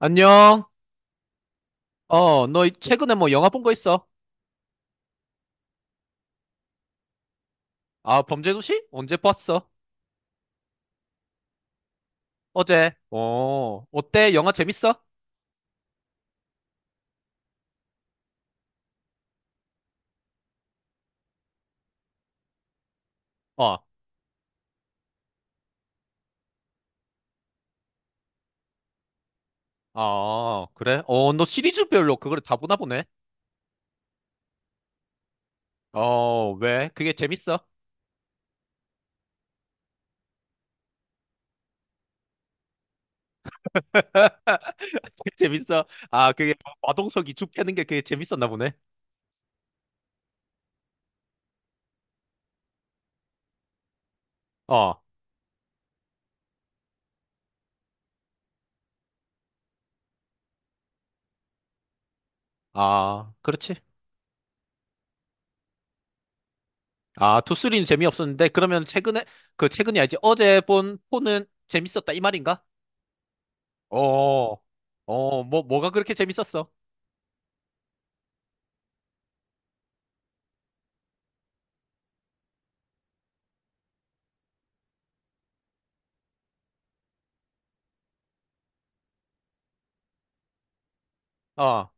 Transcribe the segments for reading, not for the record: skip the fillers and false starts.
안녕. 어, 너 최근에 뭐 영화 본 거 있어? 아, 범죄도시? 언제 봤어? 어제. 어, 어때? 영화 재밌어? 어, 아, 그래? 어, 너 시리즈별로 그걸 다 보나 보네. 어, 왜? 그게 재밌어? 그게 재밌어? 아, 그게 마동석이 죽 패는 게 그게 재밌었나 보네. 어, 아, 그렇지. 아, 투쓰리는 재미없었는데 그러면 최근에 그 최근이 아니지 어제 본 포는 재밌었다 이 말인가? 어, 어, 뭐가 그렇게 재밌었어? 어.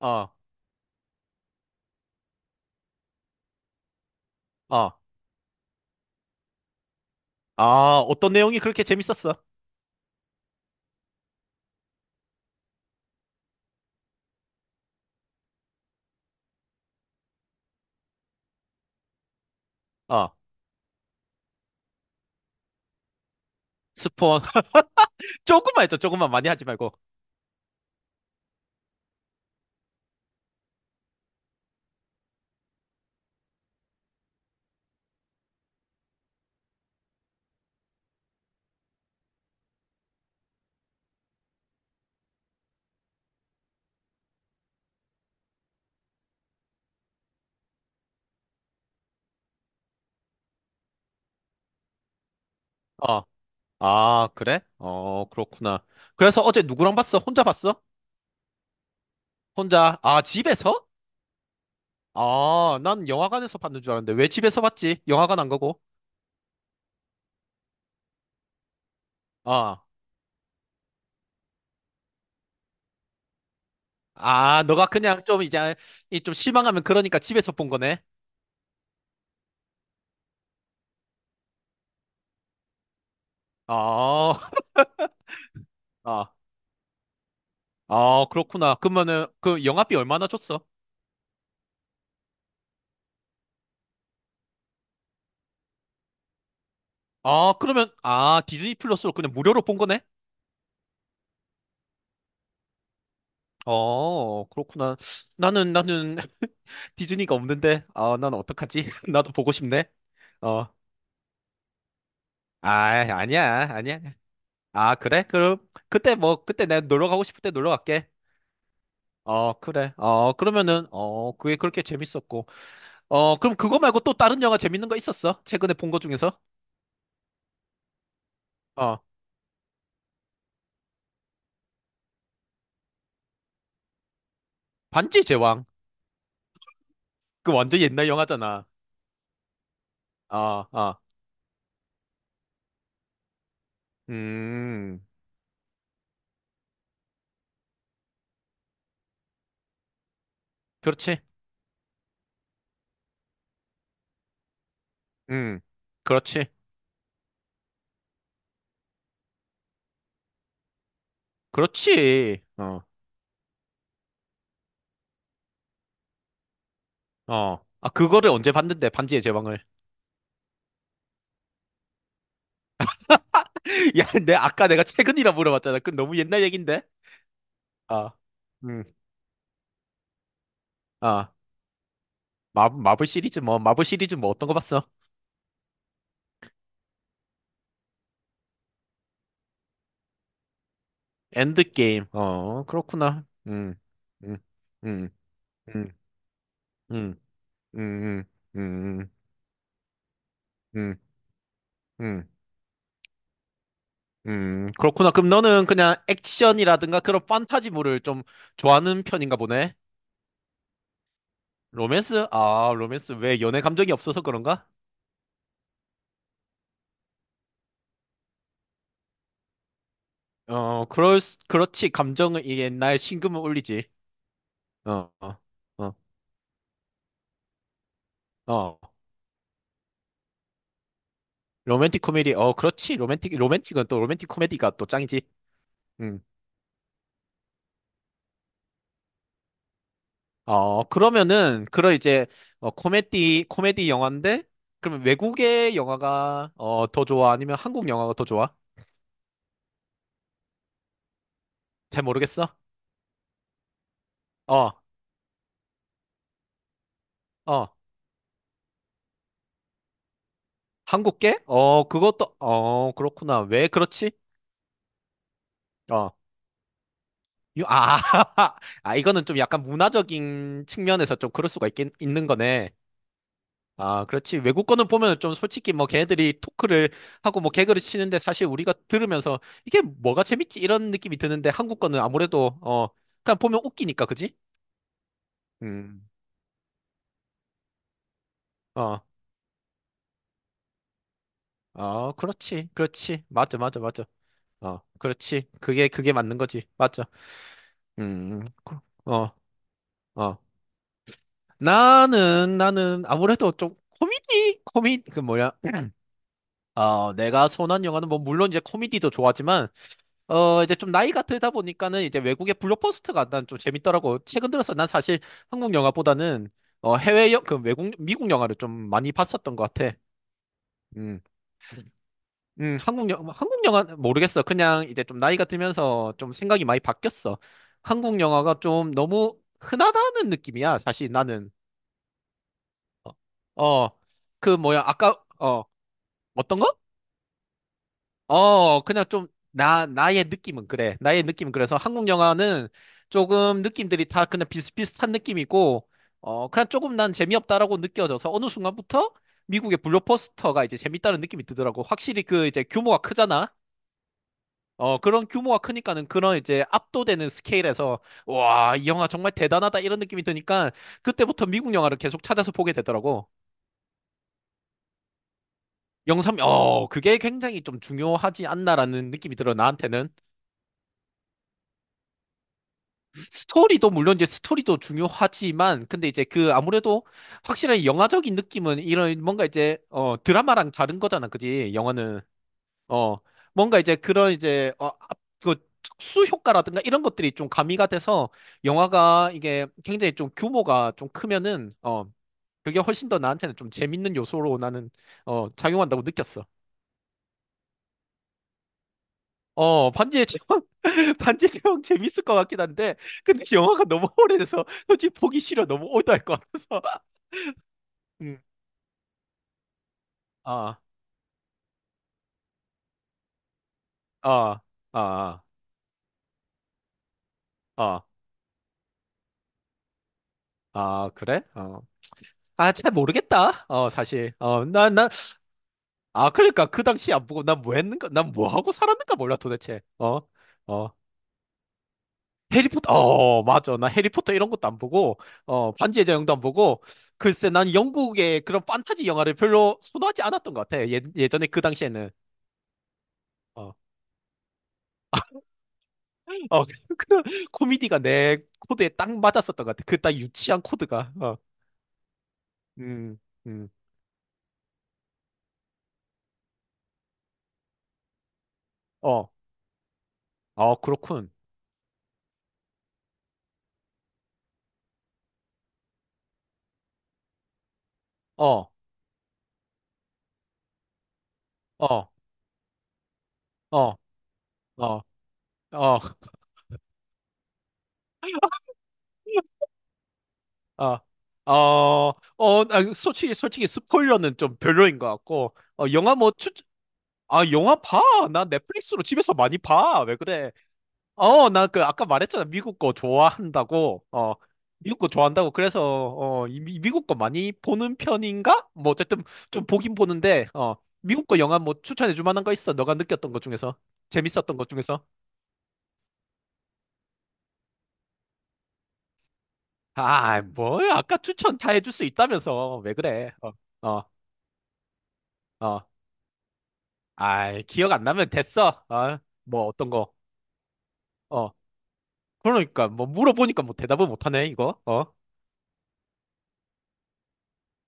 어, 어, 아, 어떤 내용이 그렇게 재밌었어? 어, 스폰. 조금만 했죠, 조금만 많이 하지 말고. 어, 아, 그래? 어, 그렇구나. 그래서 어제 누구랑 봤어? 혼자 봤어? 혼자, 아, 집에서? 아, 난 영화관에서 봤는 줄 알았는데, 왜 집에서 봤지? 영화관 안 가고. 아 아, 너가 그냥 좀 이제, 이 좀 실망하면 그러니까 집에서 본 거네. 아, 아, 아, 그렇구나. 그러면은, 그 영화비 얼마나 줬어? 아, 그러면, 아, 디즈니 플러스로 그냥 무료로 본 거네? 어, 그렇구나. 나는 디즈니가 없는데, 아, 난 어떡하지? 나도 보고 싶네. 어, 아, 아니야, 아니야. 아, 그래? 그럼, 그때 뭐, 그때 내가 놀러 가고 싶을 때 놀러 갈게. 어, 그래. 어, 그러면은, 어, 그게 그렇게 재밌었고. 어, 그럼 그거 말고 또 다른 영화 재밌는 거 있었어? 최근에 본 거 중에서? 어, 반지의 제왕. 그 완전 옛날 영화잖아. 어, 어, 음, 그렇지. 음, 그렇지. 그렇지. 어. 어. 아, 그거를 언제 봤는데, 반지의 제왕을. 야, 아까 내가 최근이라 물어봤잖아. 그 너무 옛날 얘긴데? 아, 음, 아. 마블 시리즈 뭐, 마블 시리즈 뭐 어떤 거 봤어? 엔드게임. 어, 그렇구나. 음, 음, 음, 음, 음, 음, 음, 음, 음. 음. 그렇구나. 그럼 너는 그냥 액션이라든가 그런 판타지물을 좀 좋아하는 편인가 보네? 로맨스? 아, 로맨스. 왜 연애 감정이 없어서 그런가? 어, 그렇지. 감정은 이 옛날 심금을 울리지. 어, 어, 어. 어. 로맨틱 코미디. 어, 그렇지. 로맨틱, 로맨틱은 또 로맨틱 코미디가 또 짱이지. 음. 어, 그러면은, 그런 이제, 어, 코미디, 코미디 영화인데, 그러면 외국의 영화가, 어, 더 좋아? 아니면 한국 영화가 더 좋아? 잘 모르겠어. 어, 어. 한국계? 어, 그것도, 어, 그렇구나. 왜 그렇지? 어. 아, 아, 이거는 좀 약간 문화적인 측면에서 좀 그럴 수가 있는 거네. 아, 그렇지. 외국 거는 보면 좀 솔직히 뭐 걔네들이 토크를 하고 뭐 개그를 치는데 사실 우리가 들으면서 이게 뭐가 재밌지? 이런 느낌이 드는데 한국 거는 아무래도 어, 그냥 보면 웃기니까, 그지? 음. 어, 어, 그렇지. 그렇지. 맞아, 맞아, 맞아. 어, 그렇지. 그게, 그게 맞는 거지. 맞아. 음, 그- 어, 어. 나는 아무래도 좀 코미디? 그 뭐야. 어, 내가 선호한 영화는 뭐 물론 이제 코미디도 좋아하지만 어, 이제 좀 나이가 들다 보니까는 이제 외국의 블록버스터가 난 좀 재밌더라고. 최근 들어서 난 사실 한국 영화보다는 어, 해외 영, 그 외국, 미국 영화를 좀 많이 봤었던 것 같아. 음, 한국 영화, 한국 영화 모르겠어. 그냥 이제 좀 나이가 들면서 좀 생각이 많이 바뀌었어. 한국 영화가 좀 너무 흔하다는 느낌이야. 사실 나는. 어, 어, 그 뭐야, 아까, 어, 어떤 거? 어, 그냥 좀, 나의 느낌은 그래. 나의 느낌은 그래서 한국 영화는 조금 느낌들이 다 그냥 비슷비슷한 느낌이고, 어, 그냥 조금 난 재미없다라고 느껴져서 어느 순간부터 미국의 블록버스터가 이제 재밌다는 느낌이 드더라고. 확실히 그 이제 규모가 크잖아? 어, 그런 규모가 크니까는 그런 이제 압도되는 스케일에서, 와, 이 영화 정말 대단하다 이런 느낌이 드니까 그때부터 미국 영화를 계속 찾아서 보게 되더라고. 영상, 어, 그게 굉장히 좀 중요하지 않나라는 느낌이 들어, 나한테는. 스토리도 물론 이제 스토리도 중요하지만 근데 이제 그 아무래도 확실한 영화적인 느낌은 이런 뭔가 이제 어 드라마랑 다른 거잖아 그지 영화는 어 뭔가 이제 그런 이제 어그 특수 효과라든가 이런 것들이 좀 가미가 돼서 영화가 이게 굉장히 좀 규모가 좀 크면은 어 그게 훨씬 더 나한테는 좀 재밌는 요소로 나는 어 작용한다고 느꼈어. 어, 반지의 제왕, 반지의 제왕 재밌을 것 같긴 한데, 근데 영화가 너무 오래돼서 솔직히 보기 싫어. 너무 올드할 것 같아서. 음, 아, 아, 아, 아, 아, 그래? 어. 아, 잘 모르겠다. 어, 사실. 어, 난, 난, 아, 그러니까 그 당시 안 보고 난 뭐 했는가, 난 뭐 하고 살았는가 몰라 도대체. 어, 어. 해리포터, 어, 맞아. 나 해리포터 이런 것도 안 보고, 어, 반지의 제왕도 안 보고, 글쎄, 난 영국의 그런 판타지 영화를 별로 선호하지 않았던 것 같아. 예, 예전에 그 당시에는. 어, 어, 그 코미디가 내 코드에 딱 맞았었던 것 같아. 그 딱 유치한 코드가. 어, 음, 음, 어, 어, 그렇군. 어, 어, 어, 어, 어, 어, 어, 어, 아, 솔직히 솔직히 스포일러는 좀 별로인 것 같고. 어, 영화 뭐 아, 영화 봐. 나 넷플릭스로 집에서 많이 봐. 왜 그래? 어, 나 그 아까 말했잖아. 미국 거 좋아한다고. 어, 미국 거 좋아한다고. 그래서 어, 미국 거 많이 보는 편인가? 뭐 어쨌든 좀 보긴 보는데 어, 미국 거 영화 뭐 추천해 줄 만한 거 있어? 너가 느꼈던 것 중에서 재밌었던 것 중에서? 아, 뭐야? 아까 추천 다 해줄 수 있다면서 왜 그래? 어, 어, 어. 아이, 기억 안 나면 됐어. 어, 뭐 어떤 거? 어, 그러니까 뭐 물어보니까 뭐 대답을 못하네 이거. 어,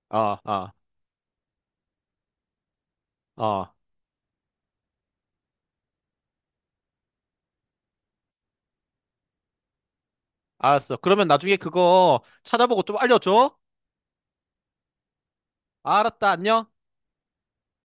어, 어, 어. 알았어. 그러면 나중에 그거 찾아보고 좀 알려줘. 알았다. 안녕.